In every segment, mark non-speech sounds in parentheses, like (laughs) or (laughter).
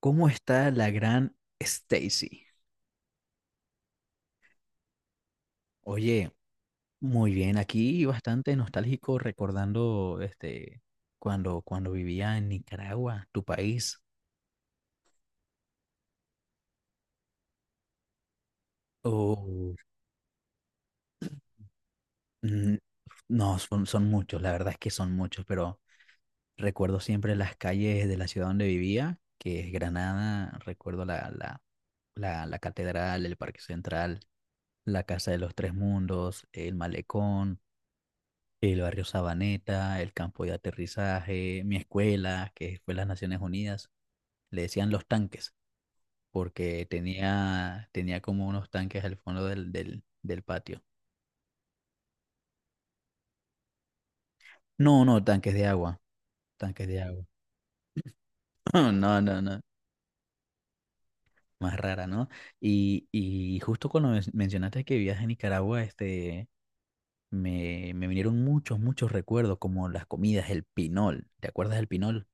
¿Cómo está la gran Stacy? Oye, muy bien, aquí bastante nostálgico recordando cuando vivía en Nicaragua, tu país. Oh, mm, no, son muchos, la verdad es que son muchos, pero recuerdo siempre las calles de la ciudad donde vivía, que es Granada, recuerdo la catedral, el Parque Central, la Casa de los Tres Mundos, el Malecón. El barrio Sabaneta, el campo de aterrizaje, mi escuela, que fue las Naciones Unidas, le decían los tanques, porque tenía como unos tanques al fondo del patio. No, no, tanques de agua, tanques de agua. (laughs) No, no, no, más rara, ¿no? Y justo cuando mencionaste que vivías en Nicaragua, me vinieron muchos recuerdos, como las comidas, el pinol. ¿Te acuerdas del pinol?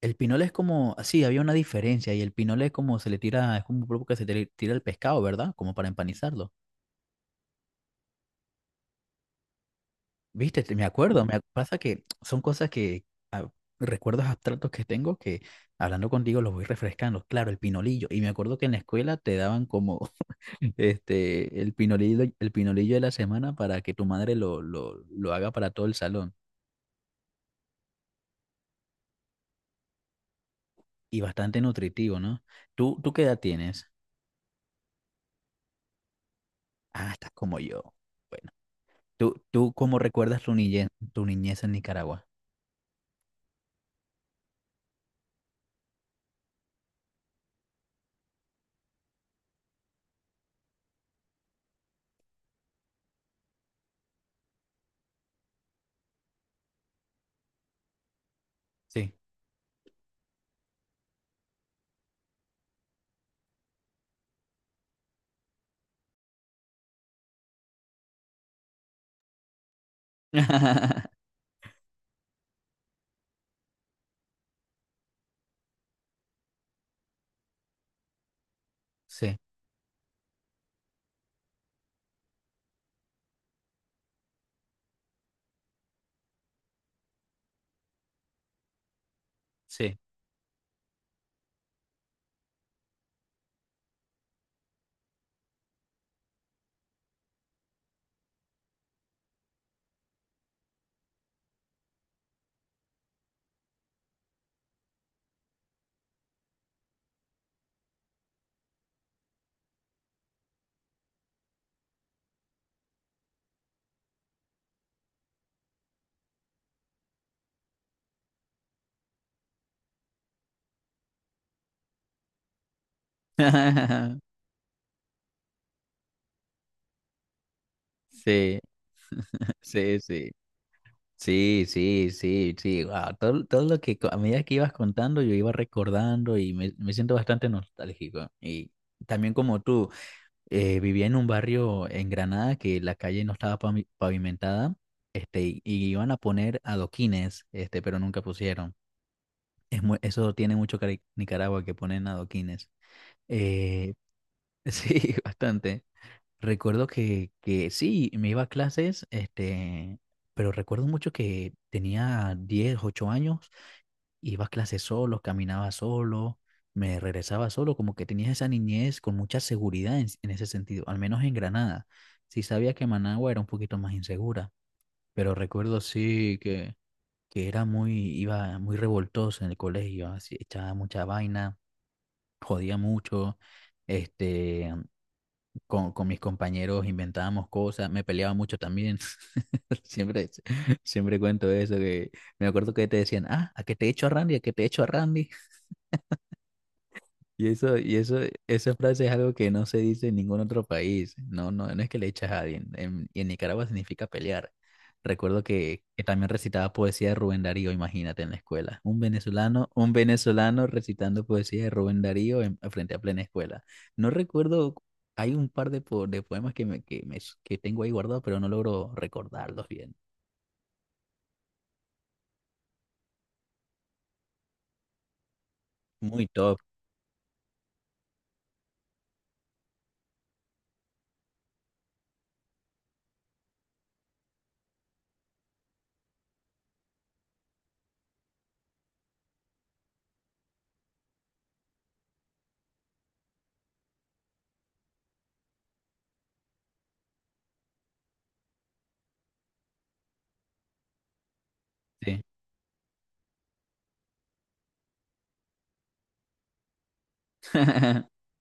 El pinole es como, ah, sí, había una diferencia y el pinole es como se le tira, es como un poco que se le tira el pescado, ¿verdad? Como para empanizarlo. Viste, me acuerdo, pasa que son cosas que, ah, recuerdos abstractos que tengo que hablando contigo los voy refrescando. Claro, el pinolillo. Y me acuerdo que en la escuela te daban como, (laughs) el pinolillo de la semana para que tu madre lo haga para todo el salón. Y bastante nutritivo, ¿no? ¿Tú, qué edad tienes? Ah, estás como yo. Bueno, ¿Tú, cómo recuerdas tu niñez en Nicaragua? Sí. (laughs) Sí, sí. (laughs) Sí, sí, sí. Sí, sí, sí, sí. Wow. Todo, todo lo que a medida que ibas contando, yo iba recordando y me siento bastante nostálgico. Y también como tú, vivía en un barrio en Granada que la calle no estaba pavimentada, y iban a poner adoquines, este, pero nunca pusieron. Es eso tiene mucho Nicaragua que ponen adoquines. Eh, (laughs) sí, bastante. Recuerdo que sí, me iba a clases, este, pero recuerdo mucho que tenía 10 8 años, iba a clases solo, caminaba solo, me regresaba solo, como que tenía esa niñez con mucha seguridad en ese sentido, al menos en Granada. Sí sabía que Managua era un poquito más insegura, pero recuerdo sí que era muy, iba muy revoltoso en el colegio, así, echaba mucha vaina, jodía mucho, este... con mis compañeros inventábamos cosas, me peleaba mucho también. (laughs) Siempre, siempre cuento eso, que me acuerdo que te decían, ah, a que te echo a Randy, a que te echo a Randy. Y eso, esa frase es algo que no se dice en ningún otro país. No, no, no es que le echas a alguien. En Nicaragua significa pelear. Recuerdo que también recitaba poesía de Rubén Darío, imagínate, en la escuela. Un venezolano recitando poesía de Rubén Darío frente a plena escuela. No recuerdo, hay un par de, de poemas que tengo ahí guardados, pero no logro recordarlos bien. Muy top, sí. (laughs)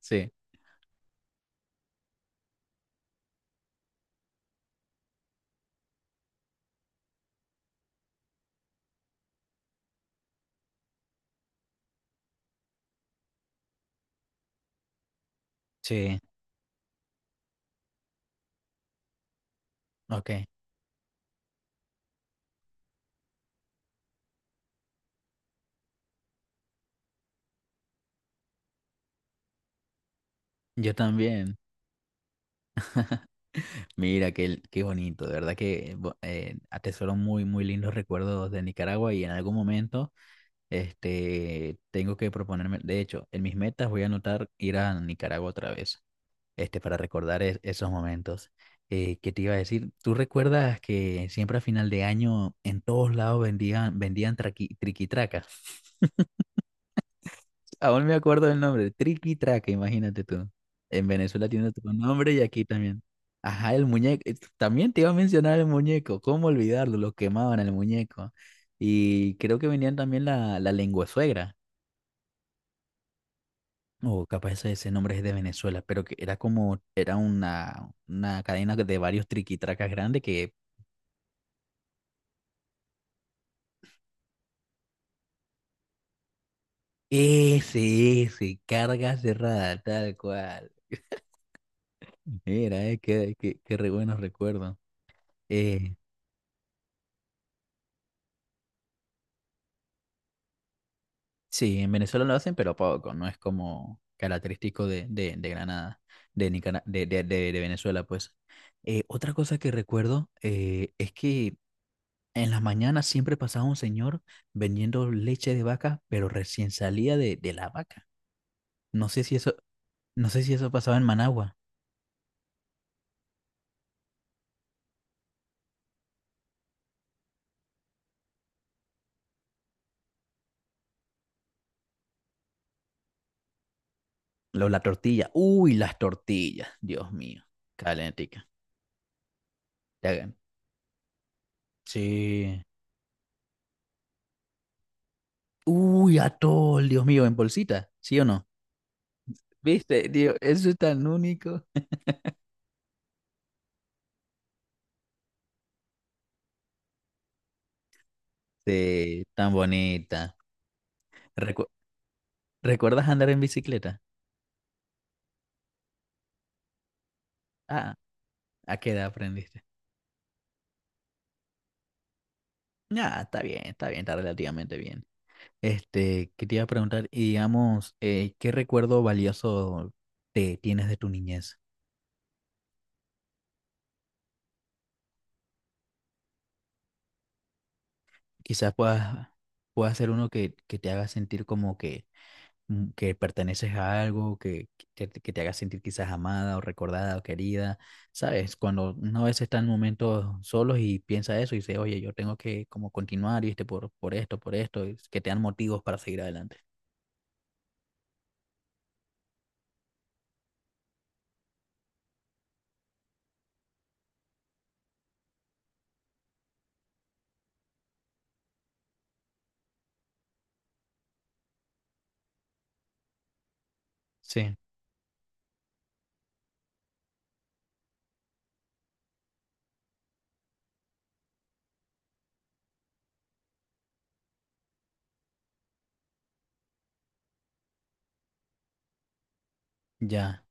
Sí, sí, ok. Yo también. Mira, qué, qué bonito, de verdad que atesoro muy, muy lindos recuerdos de Nicaragua y en algún momento este, tengo que proponerme, de hecho, en mis metas voy a anotar ir a Nicaragua otra vez, este, para recordar esos momentos. ¿Qué te iba a decir? ¿Tú recuerdas que siempre a final de año en todos lados vendían triquitracas? Aún me acuerdo del nombre, Triqui Traca, imagínate tú. En Venezuela tiene otro nombre y aquí también. Ajá, el muñeco. Eh, también te iba a mencionar el muñeco, ¿cómo olvidarlo? Lo quemaban el muñeco. Y creo que venían también la lengua suegra. O capaz ese, ese nombre es de Venezuela, pero que era como, era una cadena de varios triquitracas grandes que ese, carga cerrada, tal cual. Mira, qué, qué, qué re buenos recuerdos. Eh, Sí, en Venezuela lo hacen, pero poco, no es como característico de Granada, de, de Venezuela, pues. Otra cosa que recuerdo es que en las mañanas siempre pasaba un señor vendiendo leche de vaca, pero recién salía de la vaca. No sé si eso, no sé si eso pasaba en Managua. Lo, la tortilla, uy, las tortillas, Dios mío, calentica. Ya- Sí. Uy, atol, Dios mío, en bolsita, ¿sí o no? ¿Viste, tío? Eso es tan único. Sí, tan bonita. Recu- ¿Recuerdas andar en bicicleta? Ah, ¿a qué edad aprendiste? Ah, está bien, está bien, está relativamente bien. Este, que te iba a preguntar, y digamos, ¿qué recuerdo valioso te tienes de tu niñez? Quizás puedas, pueda ser uno que te haga sentir como que que perteneces a algo, que te haga sentir quizás amada o recordada o querida, ¿sabes? Cuando uno a veces está en momentos solos y piensa eso y dice, oye, yo tengo que como continuar, ¿viste? Por esto, y que te dan motivos para seguir adelante. Sí, ya,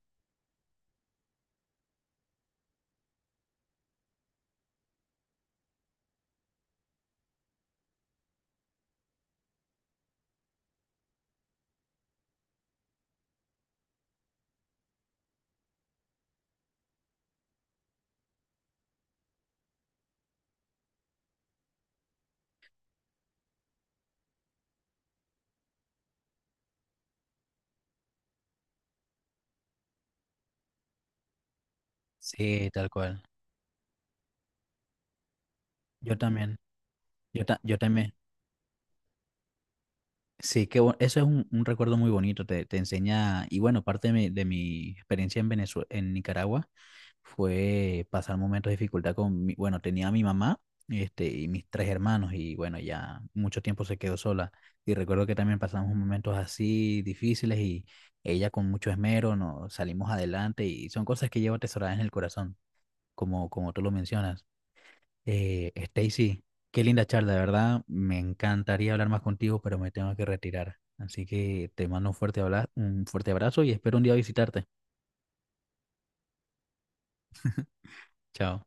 sí, tal cual. Yo también, yo también. Sí, que eso es un recuerdo muy bonito, te enseña, y bueno, parte de mi experiencia en Venezuela, en Nicaragua fue pasar momentos de dificultad con, bueno, tenía a mi mamá, este, y mis 3 hermanos, y bueno, ya mucho tiempo se quedó sola, y recuerdo que también pasamos momentos así difíciles, y ella con mucho esmero nos salimos adelante, y son cosas que llevo atesoradas en el corazón, como, como tú lo mencionas. Stacy, qué linda charla, de verdad. Me encantaría hablar más contigo, pero me tengo que retirar. Así que te mando un fuerte un fuerte abrazo y espero un día visitarte. Chao.